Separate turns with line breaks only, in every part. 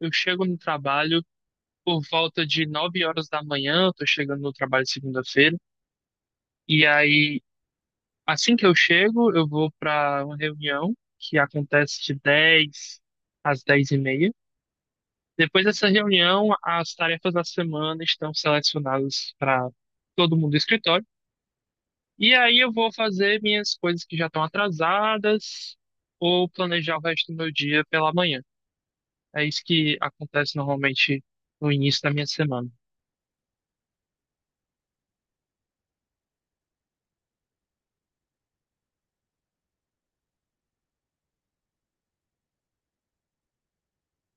Eu chego no trabalho por volta de 9 horas da manhã, eu tô chegando no trabalho segunda-feira, e aí, assim que eu chego, eu vou para uma reunião que acontece de 10h às 10h30. Depois dessa reunião, as tarefas da semana estão selecionadas para todo mundo do escritório, e aí eu vou fazer minhas coisas que já estão atrasadas ou planejar o resto do meu dia pela manhã. É isso que acontece normalmente no início da minha semana.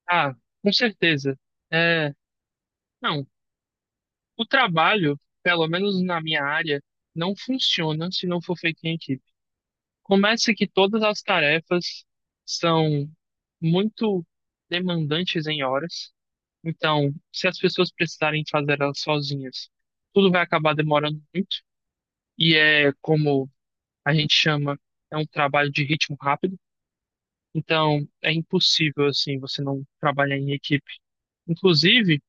Ah, com certeza. É, não, o trabalho, pelo menos na minha área, não funciona se não for feito em equipe. Começa que todas as tarefas são muito demandantes em horas. Então, se as pessoas precisarem fazer elas sozinhas, tudo vai acabar demorando muito. E é como a gente chama, é um trabalho de ritmo rápido. Então, é impossível, assim, você não trabalhar em equipe. Inclusive,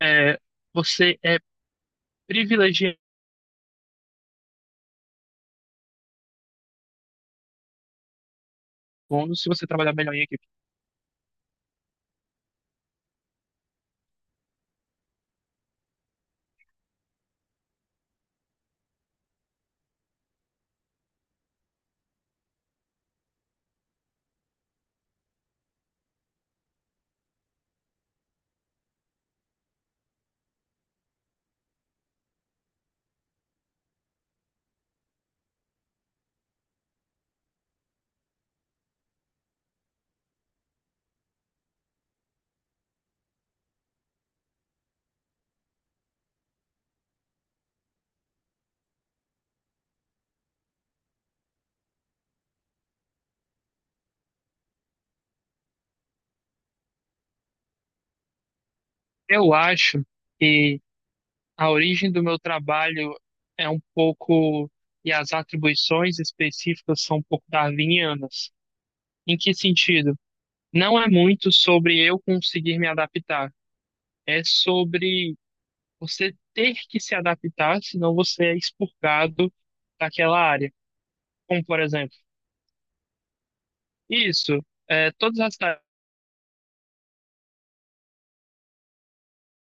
é, você é privilegiando se você trabalhar melhor em equipe. Eu acho que a origem do meu trabalho é um pouco, e as atribuições específicas são um pouco darwinianas. Em que sentido? Não é muito sobre eu conseguir me adaptar, é sobre você ter que se adaptar, senão você é expurgado daquela área. Como, por exemplo, isso, é, todas as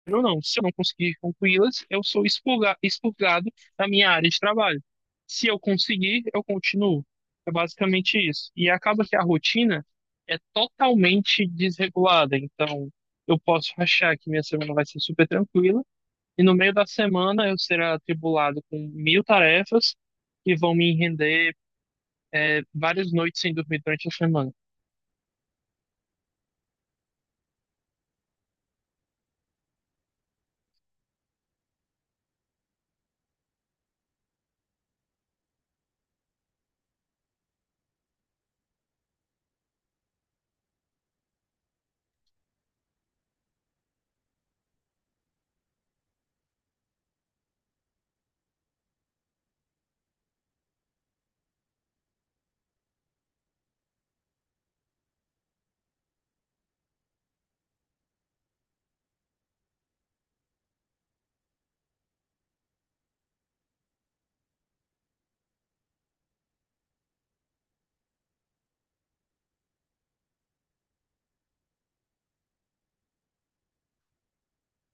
ou não. Se eu não conseguir concluí-las, eu sou expurgado da minha área de trabalho. Se eu conseguir, eu continuo. É basicamente isso. E acaba que a rotina é totalmente desregulada. Então, eu posso achar que minha semana vai ser super tranquila, e no meio da semana eu serei atribulado com 1.000 tarefas que vão me render várias noites sem dormir durante a semana.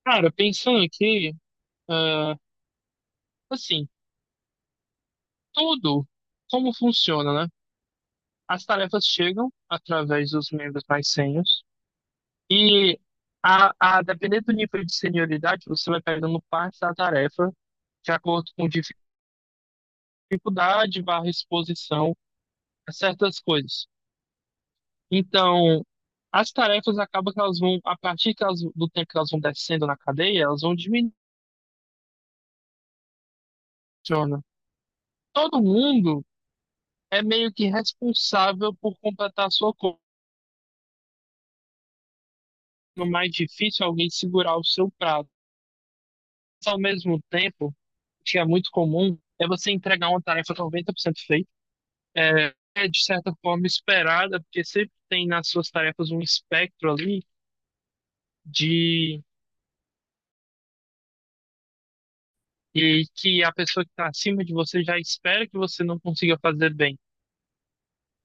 Cara, pensando aqui, ah, assim, tudo como funciona, né? As tarefas chegam através dos membros mais sênios e, a depender do nível de senioridade, você vai pegando parte da tarefa de acordo com dificuldade barra exposição a certas coisas. Então, as tarefas acabam que elas vão, a partir que do tempo que elas vão descendo na cadeia, elas vão diminuindo. Todo mundo é meio que responsável por completar a sua conta. O mais difícil é alguém segurar o seu prato. Mas, ao mesmo tempo, que é muito comum é você entregar uma tarefa 90% feita. É, é, de certa forma, esperada, porque sempre tem nas suas tarefas um espectro ali de e que a pessoa que está acima de você já espera que você não consiga fazer bem.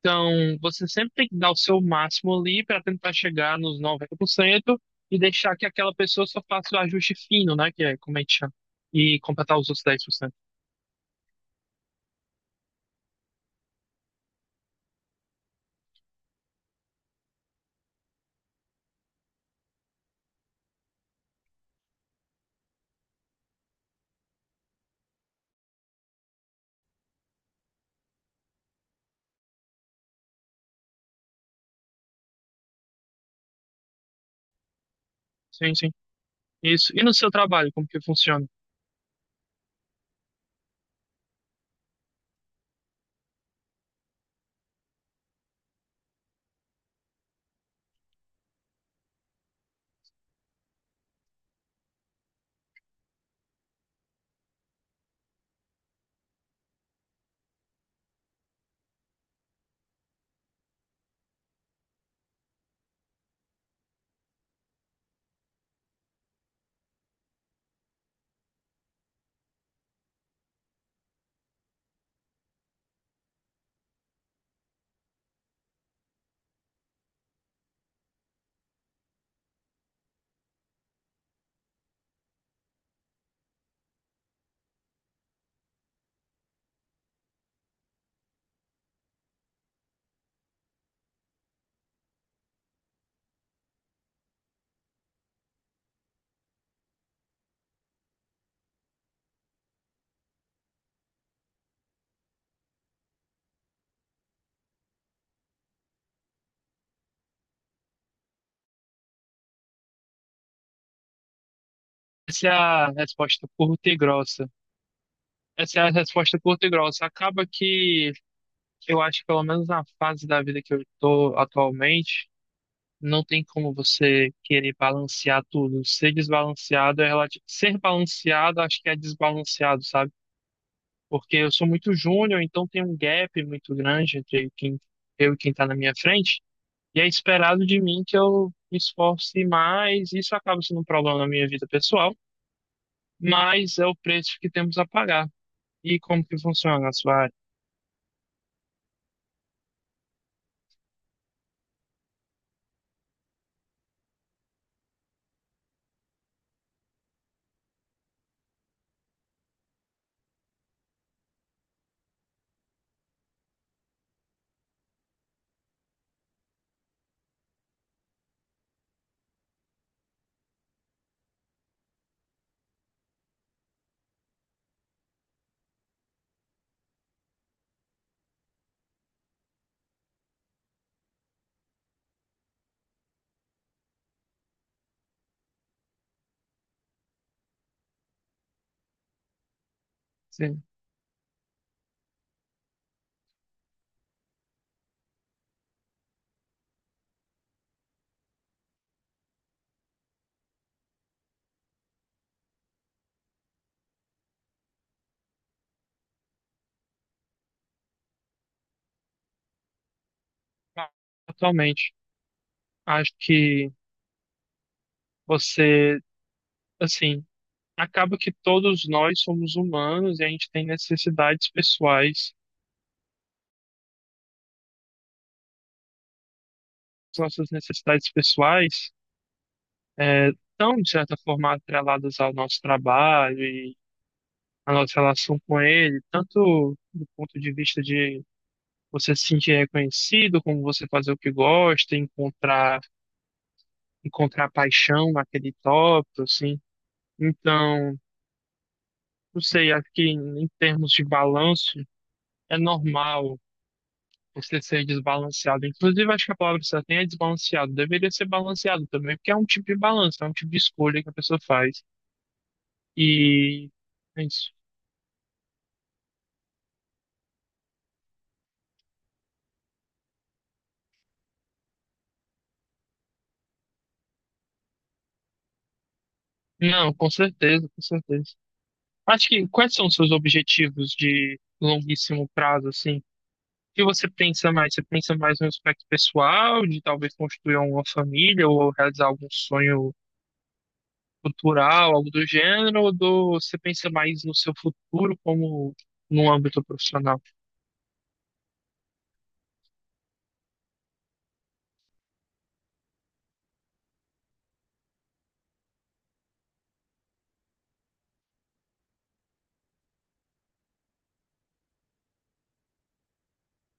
Então, você sempre tem que dar o seu máximo ali para tentar chegar nos 90% e deixar que aquela pessoa só faça o ajuste fino, né? Que é como a gente chama. E completar os outros 10%. Sim, sim. Isso. E no seu trabalho, como que funciona? Essa é a resposta curta e grossa. Essa é a resposta curta e grossa. Acaba que eu acho que pelo menos na fase da vida que eu estou atualmente, não tem como você querer balancear tudo. Ser desbalanceado é relativo. Ser balanceado, acho que é desbalanceado, sabe? Porque eu sou muito júnior, então tem um gap muito grande entre quem eu e quem está na minha frente. E é esperado de mim que eu me esforce mais. Isso acaba sendo um problema na minha vida pessoal, mas é o preço que temos a pagar. E como que funciona a sua área? Sim. Totalmente. Acho que você, assim, acaba que todos nós somos humanos e a gente tem necessidades pessoais. As nossas necessidades pessoais estão, de certa forma, atreladas ao nosso trabalho e à nossa relação com ele, tanto do ponto de vista de você se sentir reconhecido, como você fazer o que gosta, encontrar, encontrar paixão naquele tópico, assim. Então, não sei, acho que em termos de balanço, é normal você ser desbalanceado. Inclusive, acho que a palavra certa nem é desbalanceado. Deveria ser balanceado também, porque é um tipo de balanço, é um tipo de escolha que a pessoa faz. E é isso. Não, com certeza, com certeza. Acho que quais são os seus objetivos de longuíssimo prazo, assim? O que você pensa mais? Você pensa mais no aspecto pessoal, de talvez construir uma família ou realizar algum sonho cultural, algo do gênero, ou do, você pensa mais no seu futuro como no âmbito profissional?